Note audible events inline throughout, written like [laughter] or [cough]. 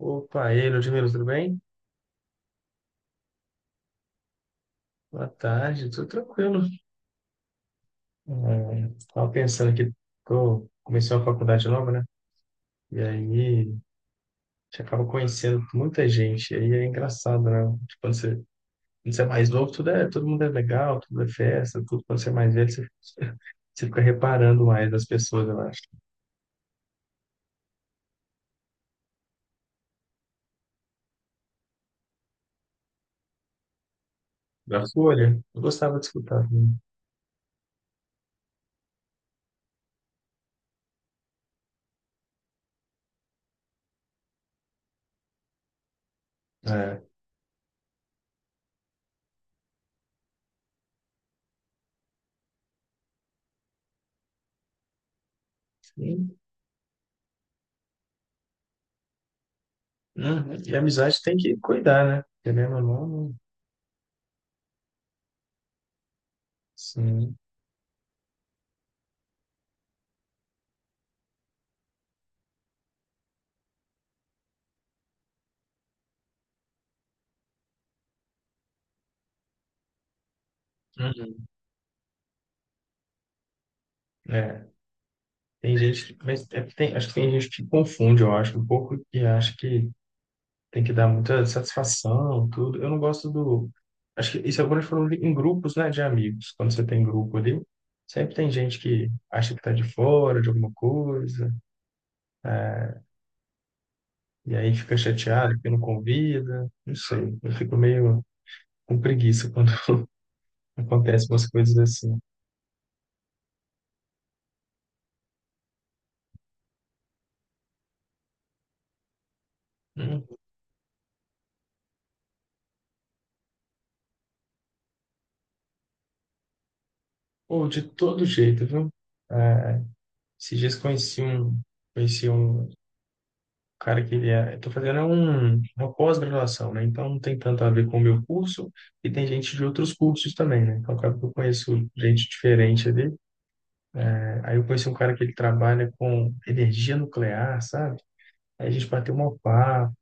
Opa, e aí, Ludmila, tudo bem? Boa tarde, tudo tranquilo. Estava pensando aqui, que eu comecei uma faculdade nova, né? E aí, a gente acaba conhecendo muita gente, e aí é engraçado, né? Tipo, quando você é mais novo, todo mundo é legal, tudo é festa, tudo. Quando você é mais velho, você, [laughs] você fica reparando mais das pessoas, eu acho. Da Folha, eu gostava de escutar também. É, sim. Uhum. E a amizade tem que cuidar, né? Querendo ou não, sim. Uhum. É. Tem gente, mas acho que tem gente que confunde, eu acho, um pouco, e acha que tem que dar muita satisfação, tudo. Eu não gosto do. Acho que isso agora falando em grupos, né, de amigos. Quando você tem grupo ali, sempre tem gente que acha que tá de fora de alguma coisa, é, e aí fica chateado porque não convida. Não sei, eu fico meio com preguiça quando [laughs] acontecem umas coisas assim. Hum. Ou de todo jeito, viu? É, Esses dias conheci um cara que eu tô fazendo uma pós-graduação, né? Então não tem tanto a ver com o meu curso e tem gente de outros cursos também, né? Então acaba que eu conheço gente diferente ali, né? Aí eu conheci um cara que ele trabalha com energia nuclear, sabe? Aí a gente bateu um papo,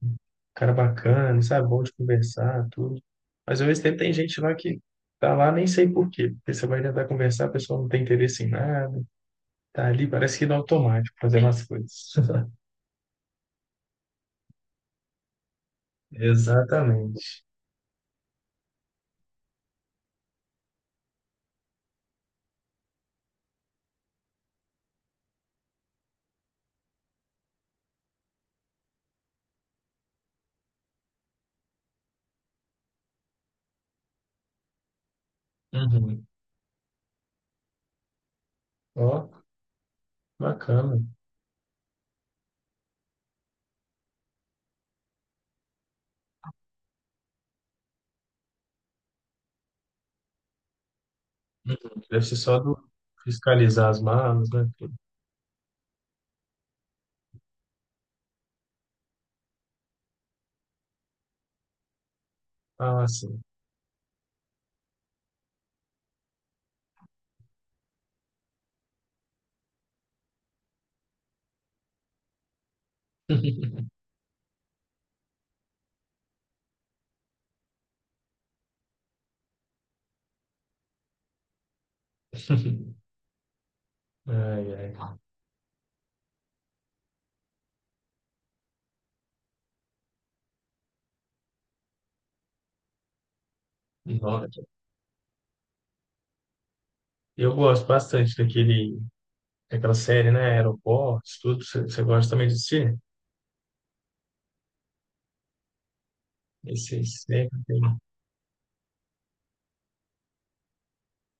cara bacana, sabe? Bom de conversar, tudo. Mas ao mesmo tempo tem gente lá que tá lá nem sei por quê. Porque você vai tentar conversar, a pessoa não tem interesse em nada, tá ali, parece que no automático, fazendo as coisas. [laughs] Exatamente. Uhum. Ó, bacana. Uhum. Deve ser só do fiscalizar as malas, né, tudo. Ah, sim. [laughs] Ai, ai. Nossa. Eu gosto bastante daquele, daquela série, né? Aeroportos, tudo. Você gosta também de assistir? Esse sempre tem.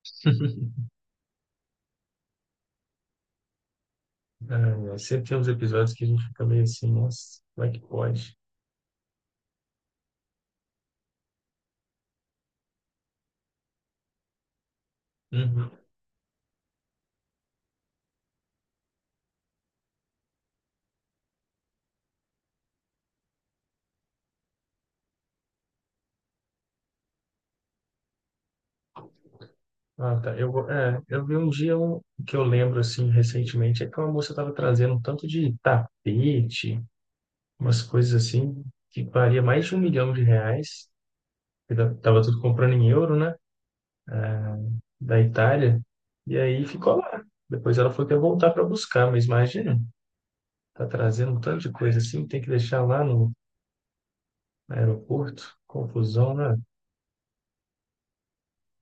[laughs] Ai, ai. Sempre tem uns episódios que a gente fica meio assim, nossa, como é que pode? Uhum. Ah, tá. Eu, é, eu vi um dia um, que eu lembro, assim, recentemente, é que uma moça estava trazendo um tanto de tapete, umas coisas assim que valia mais de 1 milhão de reais. Tava tudo comprando em euro, né? Da Itália. E aí ficou lá. Depois ela foi até voltar para buscar, mas imagina, tá trazendo um tanto de coisa assim, tem que deixar lá no aeroporto. Confusão, né?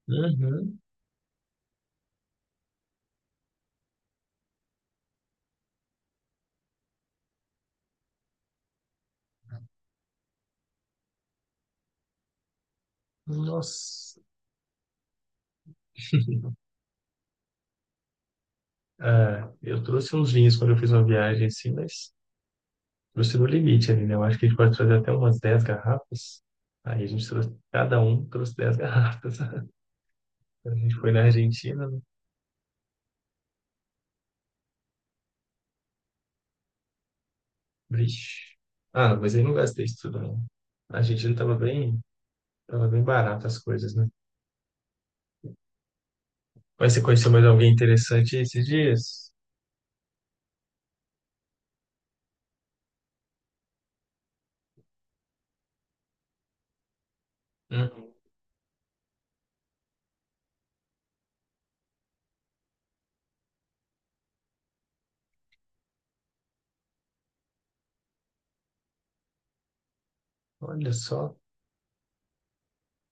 Uhum. Nossa. [laughs] É, eu trouxe uns vinhos quando eu fiz uma viagem assim, mas trouxe no limite ali, né? Eu acho que a gente pode trazer até umas 10 garrafas. Aí a gente trouxe, cada um trouxe 10 garrafas. [laughs] Quando a gente foi na Argentina, vixe. Ah, mas aí não gastei isso tudo, não. A Argentina tava bem barata as coisas, né? Mas você conheceu mais alguém interessante esses dias? Uhum. Olha só,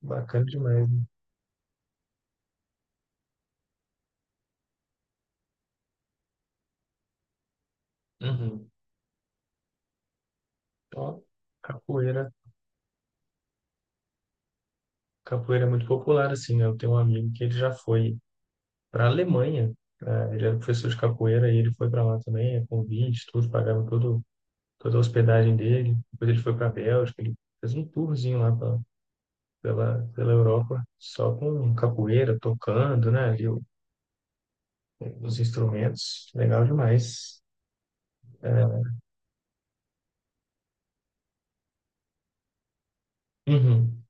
bacana demais, né? Uhum. Ó, capoeira. Capoeira é muito popular, assim, né? Eu tenho um amigo que ele já foi pra Alemanha, né? Ele era professor de capoeira e ele foi para lá também, é convite, tudo, pagaram todo, toda a hospedagem dele. Depois ele foi pra Bélgica, ele fez um tourzinho lá pela Europa, só com capoeira, tocando, né, ali os instrumentos, legal demais. É, uhum.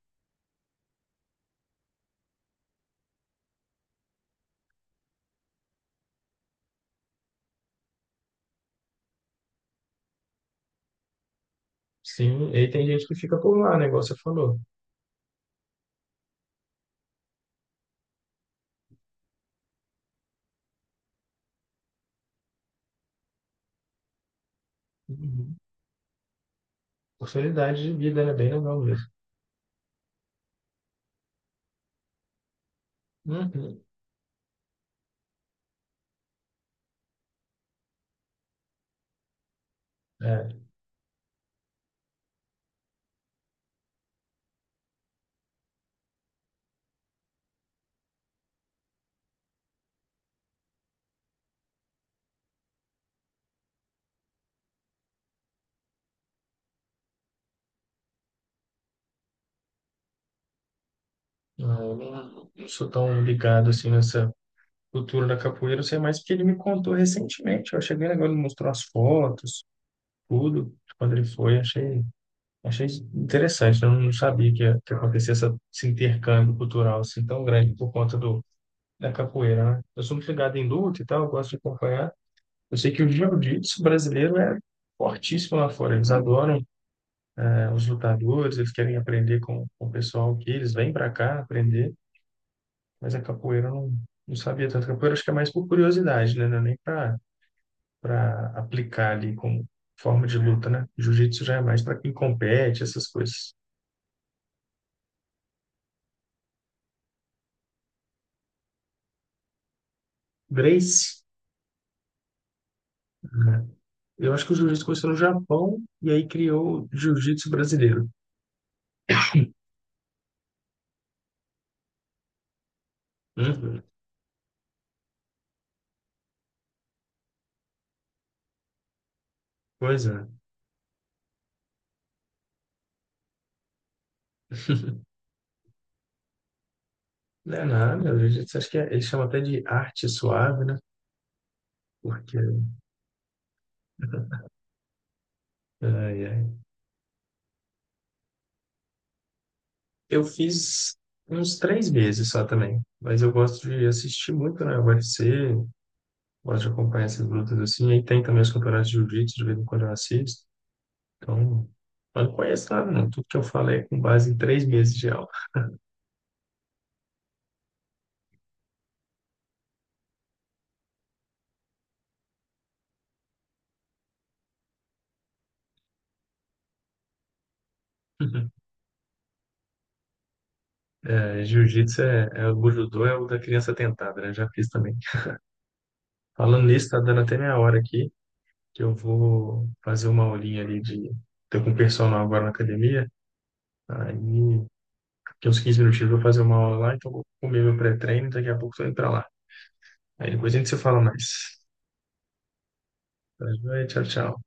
Sim, e aí tem gente que fica por lá, né, igual você falou. Uhum. Oportunidade de vida, né, bem legal mesmo. Uhum. É, não, eu não sou tão ligado, assim, nessa cultura da capoeira, eu sei mais porque ele me contou recentemente, eu cheguei agora, ele mostrou as fotos, tudo, quando ele foi, Achei interessante, eu não sabia que, que acontecia essa, esse intercâmbio cultural assim tão grande por conta da capoeira, né? Eu sou muito ligado em luta e tal, eu gosto de acompanhar. Eu sei que o jiu-jitsu brasileiro é fortíssimo lá fora, eles adoram, né, os lutadores, eles querem aprender com, o pessoal que eles vêm para cá aprender, mas a capoeira eu não, não sabia tanto. A capoeira acho que é mais por curiosidade, né? Não é nem para aplicar ali como forma de luta, né? Jiu-jitsu já é mais para quem compete, essas coisas. Grace, né? Eu acho que o jiu-jitsu começou no Japão e aí criou o jiu-jitsu brasileiro. [laughs] Uhum. Pois é. [laughs] Não é nada, o jiu-jitsu acho que é, eles chamam até de arte suave, né? Porque ai, ai, eu fiz uns 3 meses só também, mas eu gosto de assistir muito, né? UFC, gosto de acompanhar essas lutas assim, aí tem também os campeonatos de jiu-jitsu, de vez em quando eu assisto. Então, eu não conheço nada, não. Tudo que eu falei é com base em 3 meses de aula. [laughs] É, jiu-jitsu é, é o judô, é o da criança tentada, né? Já fiz também. Falando nisso, tá dando até minha hora aqui, que eu vou fazer uma aulinha ali de. Tô com personal agora na academia. Aí, daqui uns 15 minutinhos eu vou fazer uma aula lá, então eu vou comer meu pré-treino, daqui a pouco eu tô indo pra lá. Aí depois a gente se fala mais. Tá, joia? Tchau, tchau.